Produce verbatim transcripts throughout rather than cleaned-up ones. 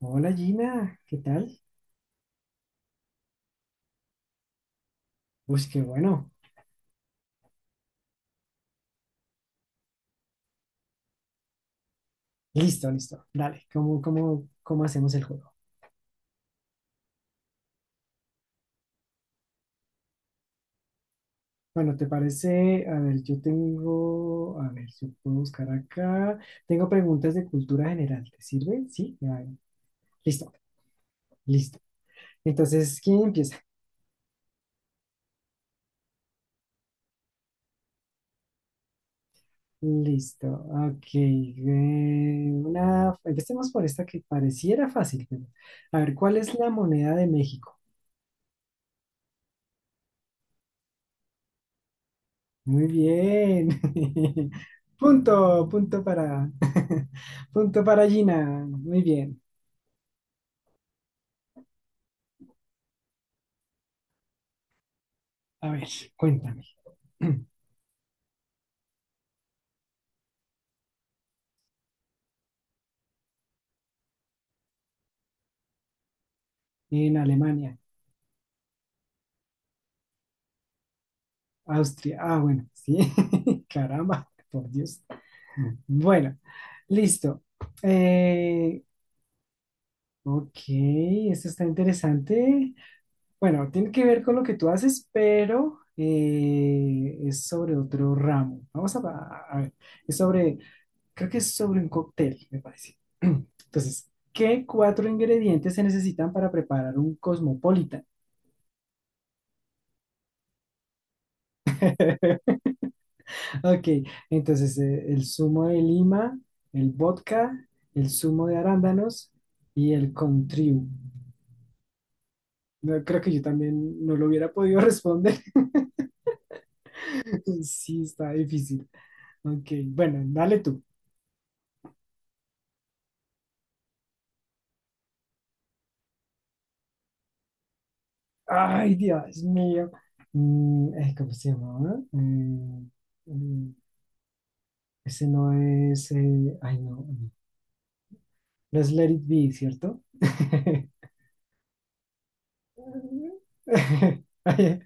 Hola Gina, ¿qué tal? Uy qué bueno. Listo, listo. Dale, ¿cómo, cómo, cómo hacemos el juego? Bueno, ¿te parece? A ver, yo tengo, a ver, yo puedo buscar acá. Tengo preguntas de cultura general. ¿Te sirve? Sí, ya, listo, listo. Entonces, ¿quién empieza? Listo, ok. Eh, una, empecemos por esta que pareciera fácil, pero... A ver, ¿cuál es la moneda de México? Muy bien. Punto, punto para, punto para Gina. Muy bien. A ver, cuéntame. En Alemania, Austria. Ah, bueno, sí. Caramba, por Dios. Bueno, listo. Eh, ok, esto está interesante. Bueno, tiene que ver con lo que tú haces, pero eh, es sobre otro ramo. Vamos a, a ver, es sobre, creo que es sobre un cóctel, me parece. Entonces, ¿qué cuatro ingredientes se necesitan para preparar un cosmopolitan? Ok, entonces eh, el zumo de lima, el vodka, el zumo de arándanos y el contriu. No, creo que yo también no lo hubiera podido responder. Sí, está difícil. Ok, bueno, dale tú. Ay, Dios mío. Mm, eh, ¿cómo se llama? Mm, mm, Ese no es. Eh, ay, no. No. No es Let It Be, ¿cierto? Ujú. Ay,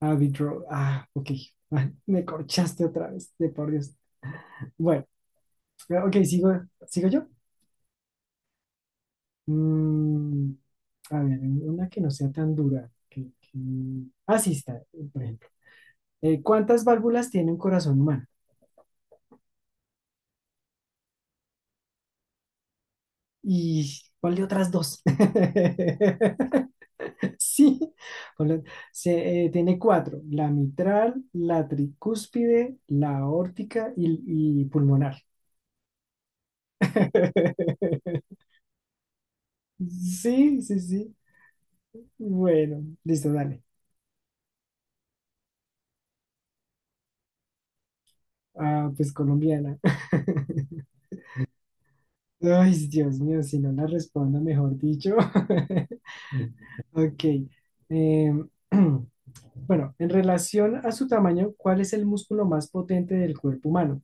Abbey Road. Ah, ok. Ah, me corchaste otra vez, de por Dios. Bueno, ok, sigo, ¿sigo yo? Mm, a ver, una que no sea tan dura. que- que- Ah, sí, está, por ejemplo. Eh, ¿cuántas válvulas tiene un corazón humano? ¿Y cuál de otras dos? Sí, hola. Se, eh, tiene cuatro, la mitral, la tricúspide, la aórtica y, y pulmonar. Sí, sí, sí. Bueno, listo, dale. Ah, pues colombiana. Ay, Dios mío, si no la respondo, mejor dicho. Ok. eh, bueno, en relación a su tamaño, ¿cuál es el músculo más potente del cuerpo humano?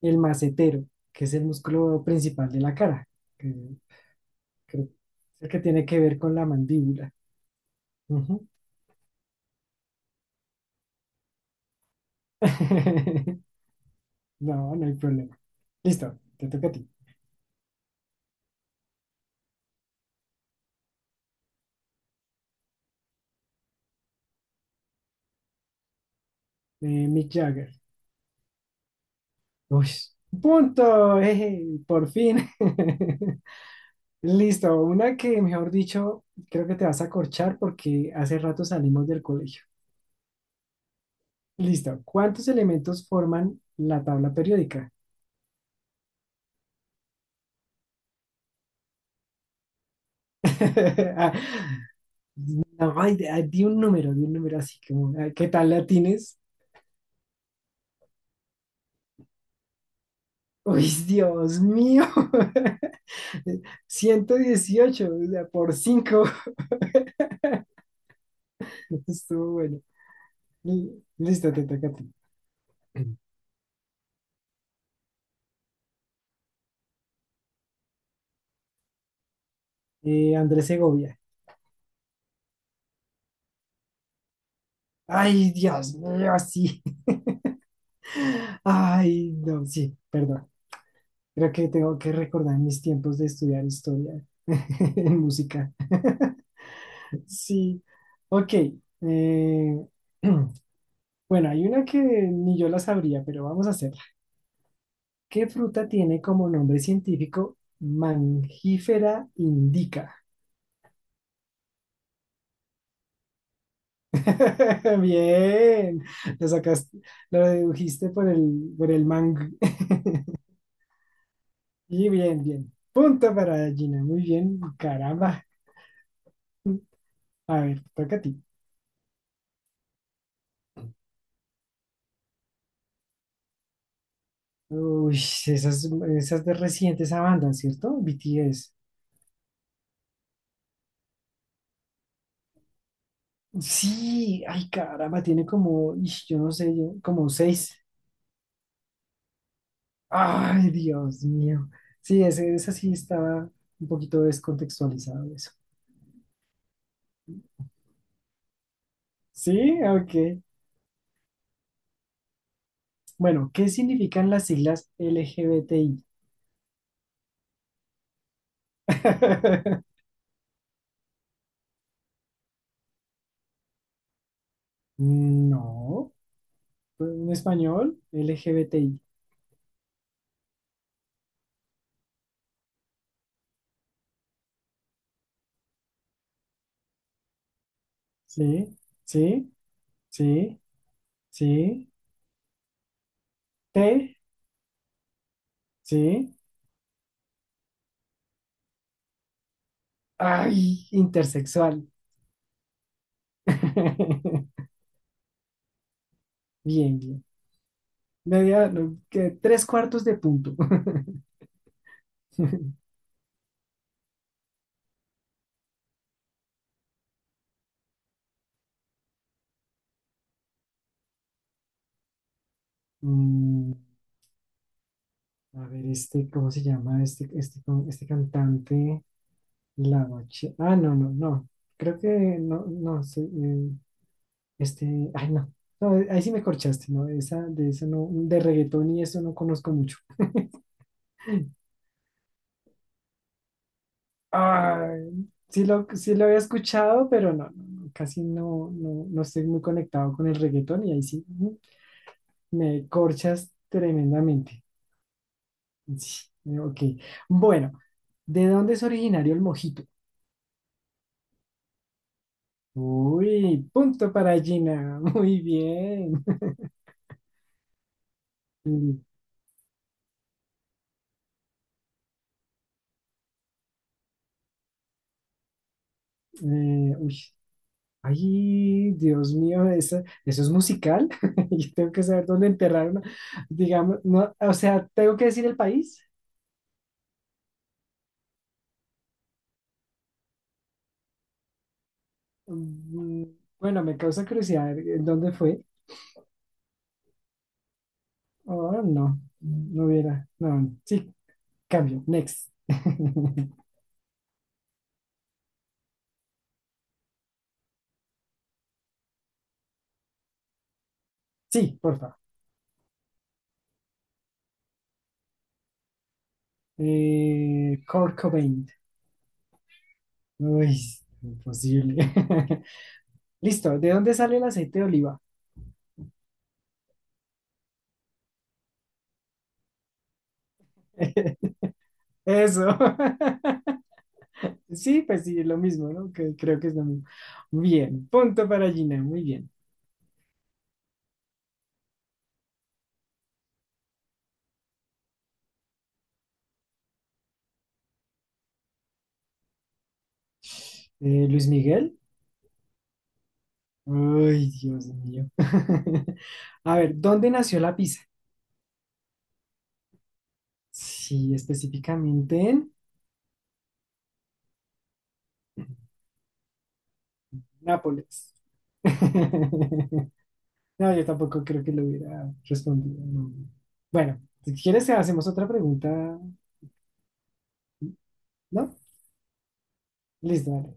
El macetero, que es el músculo principal de la cara, que creo que es el que tiene que ver con la mandíbula. Ujú. No, no hay problema. Listo, te toca a ti. Eh, Mick Jagger. Uy, punto. Eh, por fin. Listo, una que, mejor dicho, creo que te vas a corchar porque hace rato salimos del colegio. Listo, ¿cuántos elementos forman la tabla periódica? Ah, no, ay, de- ah, di un número, di un número así como, ay, ¿qué tal la tienes? Uy, Dios mío, ciento dieciocho, o sea, por cinco. Estuvo bueno. Li- Listo, te toca a ti. Eh, Andrés Segovia. Ay, Dios mío, sí. Ay, no, sí, perdón. Creo que tengo que recordar mis tiempos de estudiar historia en música. Sí, ok. eh, bueno, hay una que ni yo la sabría, pero vamos a hacer. ¿Qué fruta tiene como nombre científico mangifera indica? Bien, lo sacaste, lo dedujiste por el, por el mang. Y bien, bien. Punto para Gina, muy bien, caramba. A ver, toca a ti. Uy, esas, esas de recientes esa banda, ¿cierto? B T S. Sí, ay, caramba, tiene como, ish, yo no sé, yo... como seis. Ay, Dios mío. Sí, ese, ese sí estaba un poquito descontextualizado eso. Sí, ok. Bueno, ¿qué significan las siglas L G B T I? No, pues, en español, L G B T I. Sí, sí, sí, sí. T, sí. Ay, intersexual. Bien, bien. Media, no, que tres cuartos de punto. Mm, A ver, este, ¿cómo se llama? Este, este, con- este cantante, la bache. Ah, no, no, no. Creo que no, no, sí, eh, este, ay, no. No, eh, ahí sí me corchaste, ¿no? Esa, de eso no, de reggaetón y eso no conozco mucho. Ay, sí lo, sí lo había escuchado, pero no, no, no, casi no, no, no estoy muy conectado con el reggaetón y ahí sí mm, me corchas tremendamente. Sí, eh, ok. Bueno, ¿de dónde es originario el mojito? Uy, punto para Gina. Muy bien. Mm, eh, uy, Ay, Dios mío, ¿eso, eso es musical? Yo tengo que saber dónde enterrar una, digamos, no, o sea, tengo que decir el país. Mm, bueno, me causa curiosidad, ¿en ¿dónde fue? Oh, no, no hubiera, no, sí, cambio, next. Sí, por favor. Eh, Kurt Cobain. Uy, imposible. Listo, ¿de dónde sale el aceite de oliva? Eso. Sí, pues sí, lo mismo, ¿no? Que creo que es lo mismo. Bien, punto para Gina, muy bien. Eh, Luis Miguel. Ay, Dios mío. A ver, ¿dónde nació la pizza? Sí, específicamente en Nápoles. No, yo tampoco creo que lo hubiera respondido. No. Bueno, si quieres, hacemos otra pregunta, ¿no? Listo,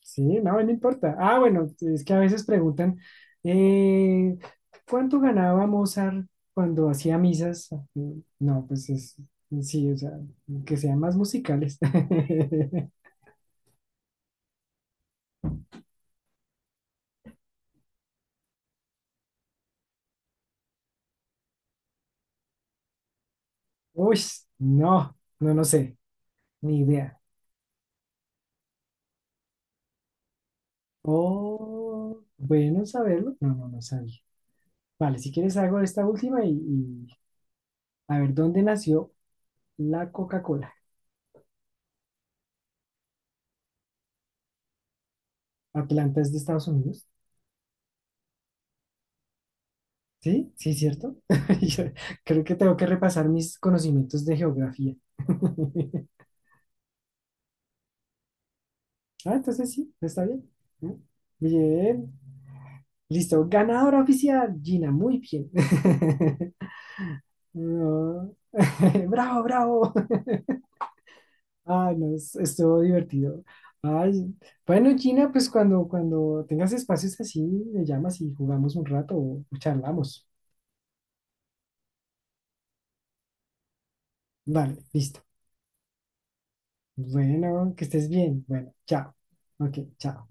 sí, no, no importa. Ah, bueno, es que a veces preguntan, eh, ¿cuánto ganaba Mozart cuando hacía misas? No, pues es, sí, o sea, que sean más musicales. Uy, no, no, no sé, ni idea. Oh, bueno saberlo. No, no, no sabía. Vale, si quieres hago esta última y, y a ver, ¿dónde nació la Coca-Cola? ¿Atlanta es de Estados Unidos? Sí, sí, cierto. Yo creo que tengo que repasar mis conocimientos de geografía. Ah, entonces sí, está bien. ¿Mm? Bien. Listo, ganadora oficial, Gina, muy bien. No. Bravo, bravo. Ah, no, es- estuvo divertido. Ay, bueno, Gina, pues cuando, cuando tengas espacios así, me llamas y jugamos un rato o charlamos. Vale, listo. Bueno, que estés bien. Bueno, chao. Ok, chao.